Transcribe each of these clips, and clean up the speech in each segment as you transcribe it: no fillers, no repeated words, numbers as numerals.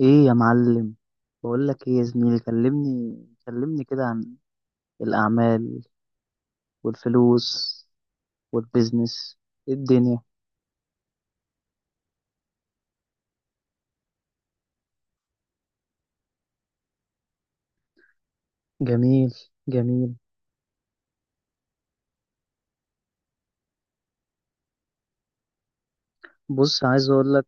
ايه يا معلم. بقول لك ايه يا زميلي؟ كلمني. كلمني كده عن الاعمال والفلوس والبيزنس. إيه الدنيا؟ جميل. جميل. بص، عايز اقول لك،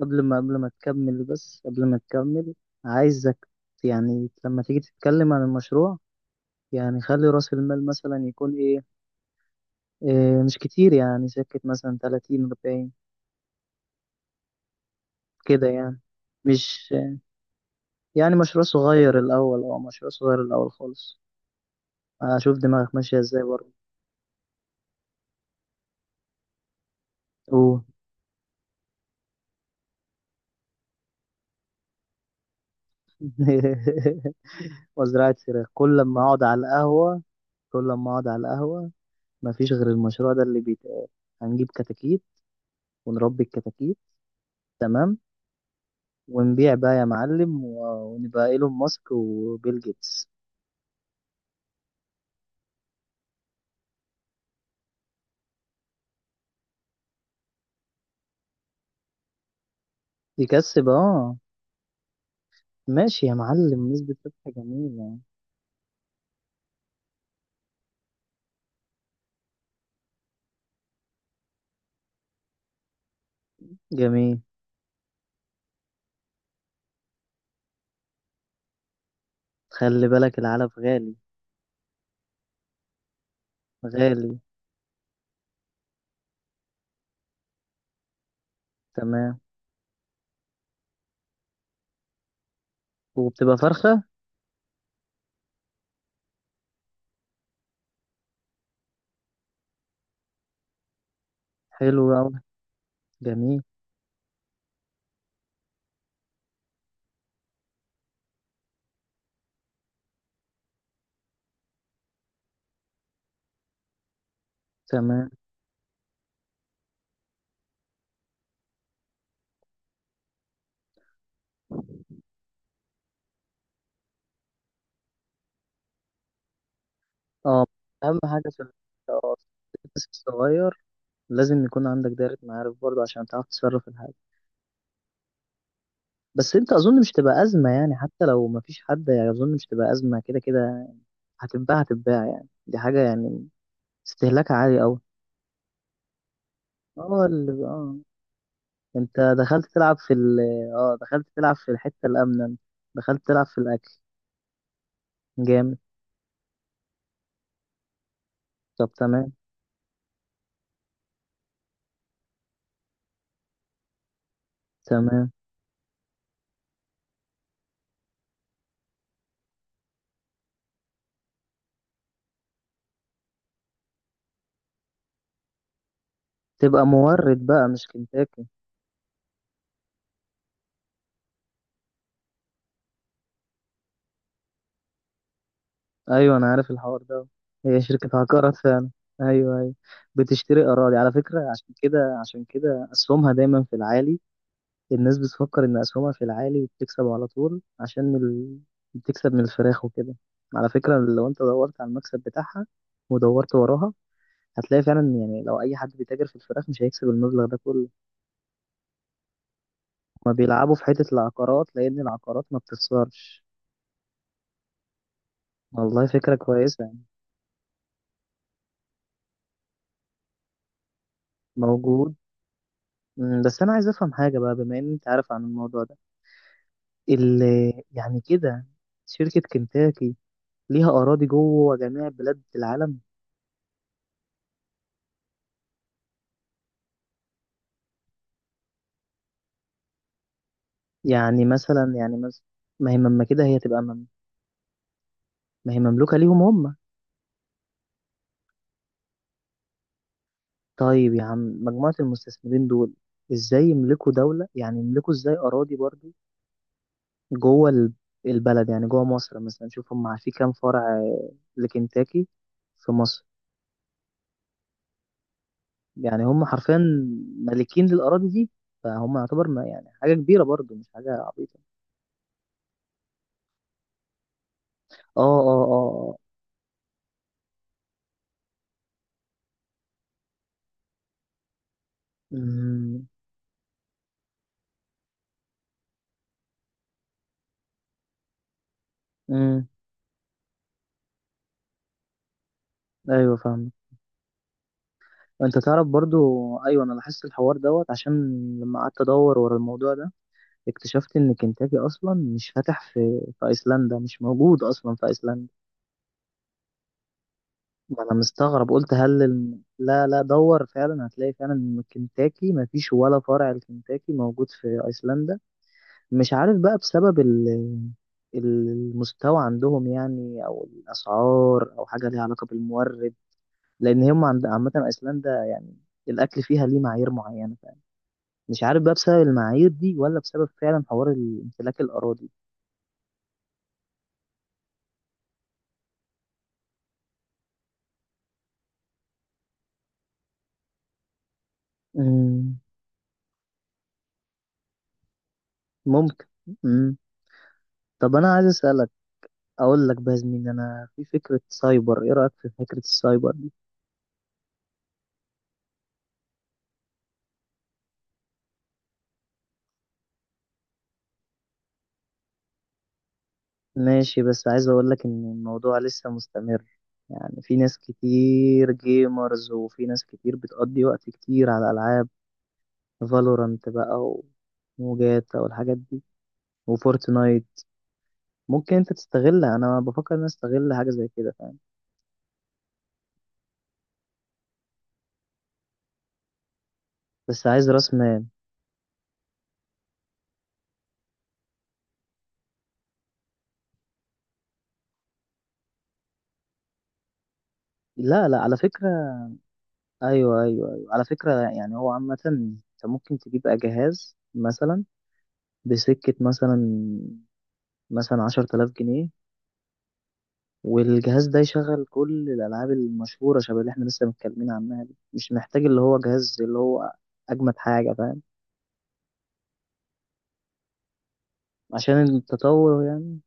قبل ما تكمل، عايزك، يعني لما تيجي تتكلم عن المشروع، يعني خلي راس المال مثلا يكون إيه، مش كتير، يعني سكة مثلا 30 40. كده يعني، مش يعني مشروع صغير الاول، مشروع صغير الاول خالص. اشوف دماغك ماشيه ازاي برضه. قول. وزراعة فراخ؟ كل لما اقعد على القهوه كل لما اقعد على القهوه، مفيش غير المشروع ده اللي بيتقال. هنجيب كتاكيت ونربي الكتاكيت. تمام. ونبيع بقى يا معلم، ونبقى ايلون ماسك وبيل جيتس. يكسب. اه، ماشي يا معلم، نسبة ربح جميلة. جميل. خلي بالك العلف غالي. غالي. تمام. وبتبقى فرخة؟ حلو أوي. جميل. تمام. اه، اهم حاجه في ال- آه، في البيزنس الصغير لازم يكون عندك دايره معارف برضه، عشان تعرف تتصرف في الحاجه. بس انت اظن مش تبقى ازمه، يعني حتى لو مفيش حد، يعني اظن مش تبقى ازمه كده كده. هتتباع، هتتباع، يعني دي حاجه يعني استهلاكها عالي قوي. اه اللي اه انت دخلت تلعب في ال اه دخلت تلعب في الحته الامنه انت. دخلت تلعب في الاكل. جامد. طب تمام، تمام. تبقى مورد بقى، مش كنتاكي. ايوه، انا عارف الحوار ده. هي شركه هكرت فعلا. ايوه، ايوه، بتشتري اراضي على فكره، عشان كده عشان كده اسهمها دايما في العالي. الناس بتفكر ان اسهمها في العالي وبتكسب على طول عشان بتكسب من الفراخ وكده. على فكره، لو انت دورت على المكسب بتاعها ودورت وراها، هتلاقي فعلا، يعني لو اي حد بيتاجر في الفراخ مش هيكسب المبلغ ده كله. ما بيلعبوا في حته العقارات، لان العقارات ما بتخسرش. والله فكره كويسه يعني. موجود. بس انا عايز افهم حاجه بقى، بما ان انت عارف عن الموضوع ده. يعني كده، شركة كنتاكي ليها أراضي جوه جميع بلاد العالم؟ يعني مثلا، ما هي مما كده هي تبقى مم ما هي مملوكة ليهم هم. طيب يا عم، مجموعة المستثمرين دول ازاي يملكوا دولة، يعني يملكوا ازاي أراضي برضو جوه البلد؟ يعني جوه مصر مثلا، شوف هم في كام فرع لكنتاكي في مصر. يعني هم حرفيا مالكين للأراضي دي، فهم يعتبر ما يعني حاجة كبيرة برضو، مش حاجة عبيطة. اه، اه، اه، آه. امم، امم. ايوه، فاهم. انت تعرف برضو. ايوه، انا لاحظت الحوار دوت، عشان لما قعدت ادور ورا الموضوع ده اكتشفت ان كنتاكي اصلا مش فاتح في ايسلندا، مش موجود اصلا في ايسلندا. ما انا مستغرب، قلت هل لا، لا، دور فعلا، هتلاقي فعلا ان كنتاكي ما فيش ولا فرع لكنتاكي موجود في ايسلندا. مش عارف بقى بسبب المستوى عندهم يعني، او الاسعار، او حاجه ليها علاقه بالمورد، لان هم عند عامه ايسلندا يعني الاكل فيها ليه معايير معينه. مش عارف بقى بسبب المعايير دي ولا بسبب فعلا حوار امتلاك الاراضي. مم. ممكن. مم. طب انا عايز اسالك، اقول لك بقى يا زميلي، انا في فكره سايبر، ايه رايك في فكره السايبر دي؟ ماشي، بس عايز اقول لك ان الموضوع لسه مستمر. يعني في ناس كتير جيمرز، وفي ناس كتير بتقضي وقت كتير على العاب. فالورانت بقى وجاتا والحاجات دي، وفورتنايت. ممكن انت تستغلها، انا بفكر ان أنا استغل حاجه زي كده، فاهم؟ بس عايز راس مال. لا، لا، على فكره. ايوه، ايوه، ايوه، على فكره. يعني هو عامه انت ممكن تجيب بقى جهاز مثلا، بسكه مثلا 10000 جنيه، والجهاز ده يشغل كل الالعاب المشهوره شبه اللي احنا لسه متكلمين عنها دي، مش محتاج اللي هو جهاز اللي هو اجمد حاجه، فاهم. عشان التطور يعني.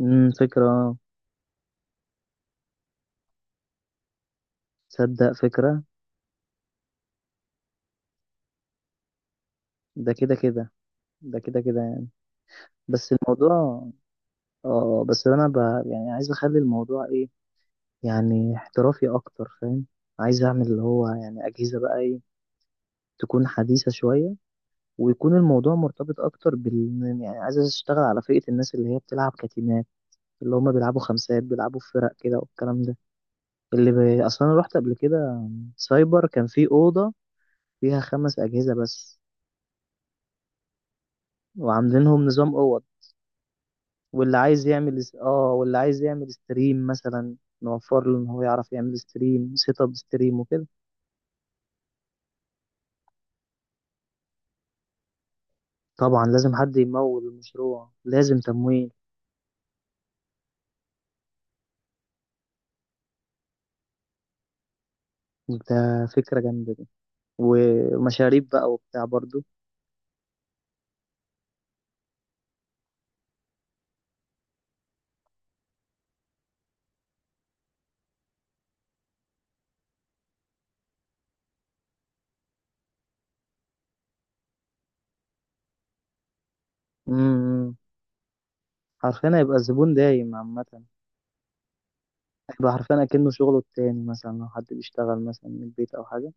فكره. تصدق فكره. ده كده كده ده كده كده يعني. بس الموضوع اه بس انا ب... يعني عايز اخلي الموضوع ايه، يعني احترافي اكتر، فاهم. عايز اعمل اللي هو يعني اجهزه بقى، ايه، تكون حديثه شويه. ويكون الموضوع مرتبط اكتر يعني عايز اشتغل على فئه الناس اللي هي بتلعب كتيمات، اللي هم بيلعبوا خمسات، بيلعبوا في فرق كده والكلام ده. اصلا انا رحت قبل كده سايبر كان في اوضه فيها خمس اجهزه بس، وعاملينهم نظام اوض. واللي عايز يعمل ستريم مثلا، نوفر له ان هو يعرف يعمل ستريم، سيت اب ستريم وكده. طبعا لازم حد يمول المشروع، لازم تمويل. ده فكرة جامدة دي. ومشاريب بقى وبتاع برضو. امم حرفيا هيبقى الزبون دايم عامة. هيبقى حرفيا أكنه شغله التاني، مثلا لو حد بيشتغل مثلا من البيت أو حاجة.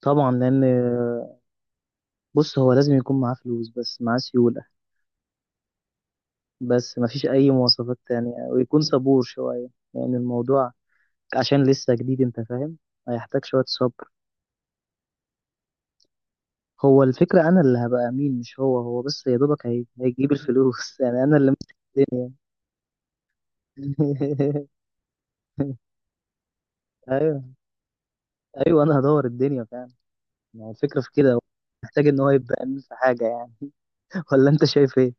طبعا بص، هو لازم يكون معاه فلوس، بس معاه سيولة. بس مفيش أي مواصفات تانية، ويكون صبور شوية. يعني الموضوع عشان لسه جديد، انت فاهم، هيحتاج شوية صبر. هو الفكرة انا اللي هبقى امين، مش هو. هو بس يا دوبك هيجيب الفلوس. يعني انا اللي ماسك الدنيا. ايوه، ايوه، انا هدور الدنيا فعلا. يعني الفكرة في كده، هو محتاج ان هو يبقى امين في حاجة يعني. ولا انت شايف ايه؟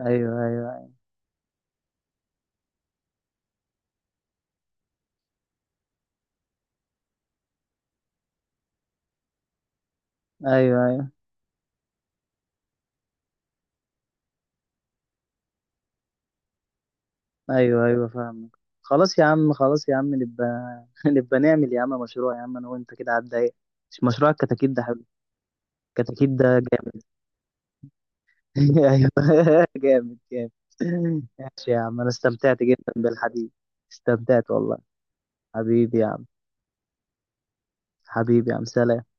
ايوه، ايوه، ايوه، ايوه، ايوه، ايوه، فاهمك. خلاص يا عم، خلاص يا عم، نبقى. نبقى نعمل يا عم مشروع يا عم، انا وانت كده على الضيق. مش مشروع الكتاكيت ده حلو؟ الكتاكيت ده جامد. ايوه. جامد، جامد. ماشي يا عم، انا استمتعت جدا بالحديث. استمتعت والله. حبيبي يا عم. حبيبي يا عم، سلام.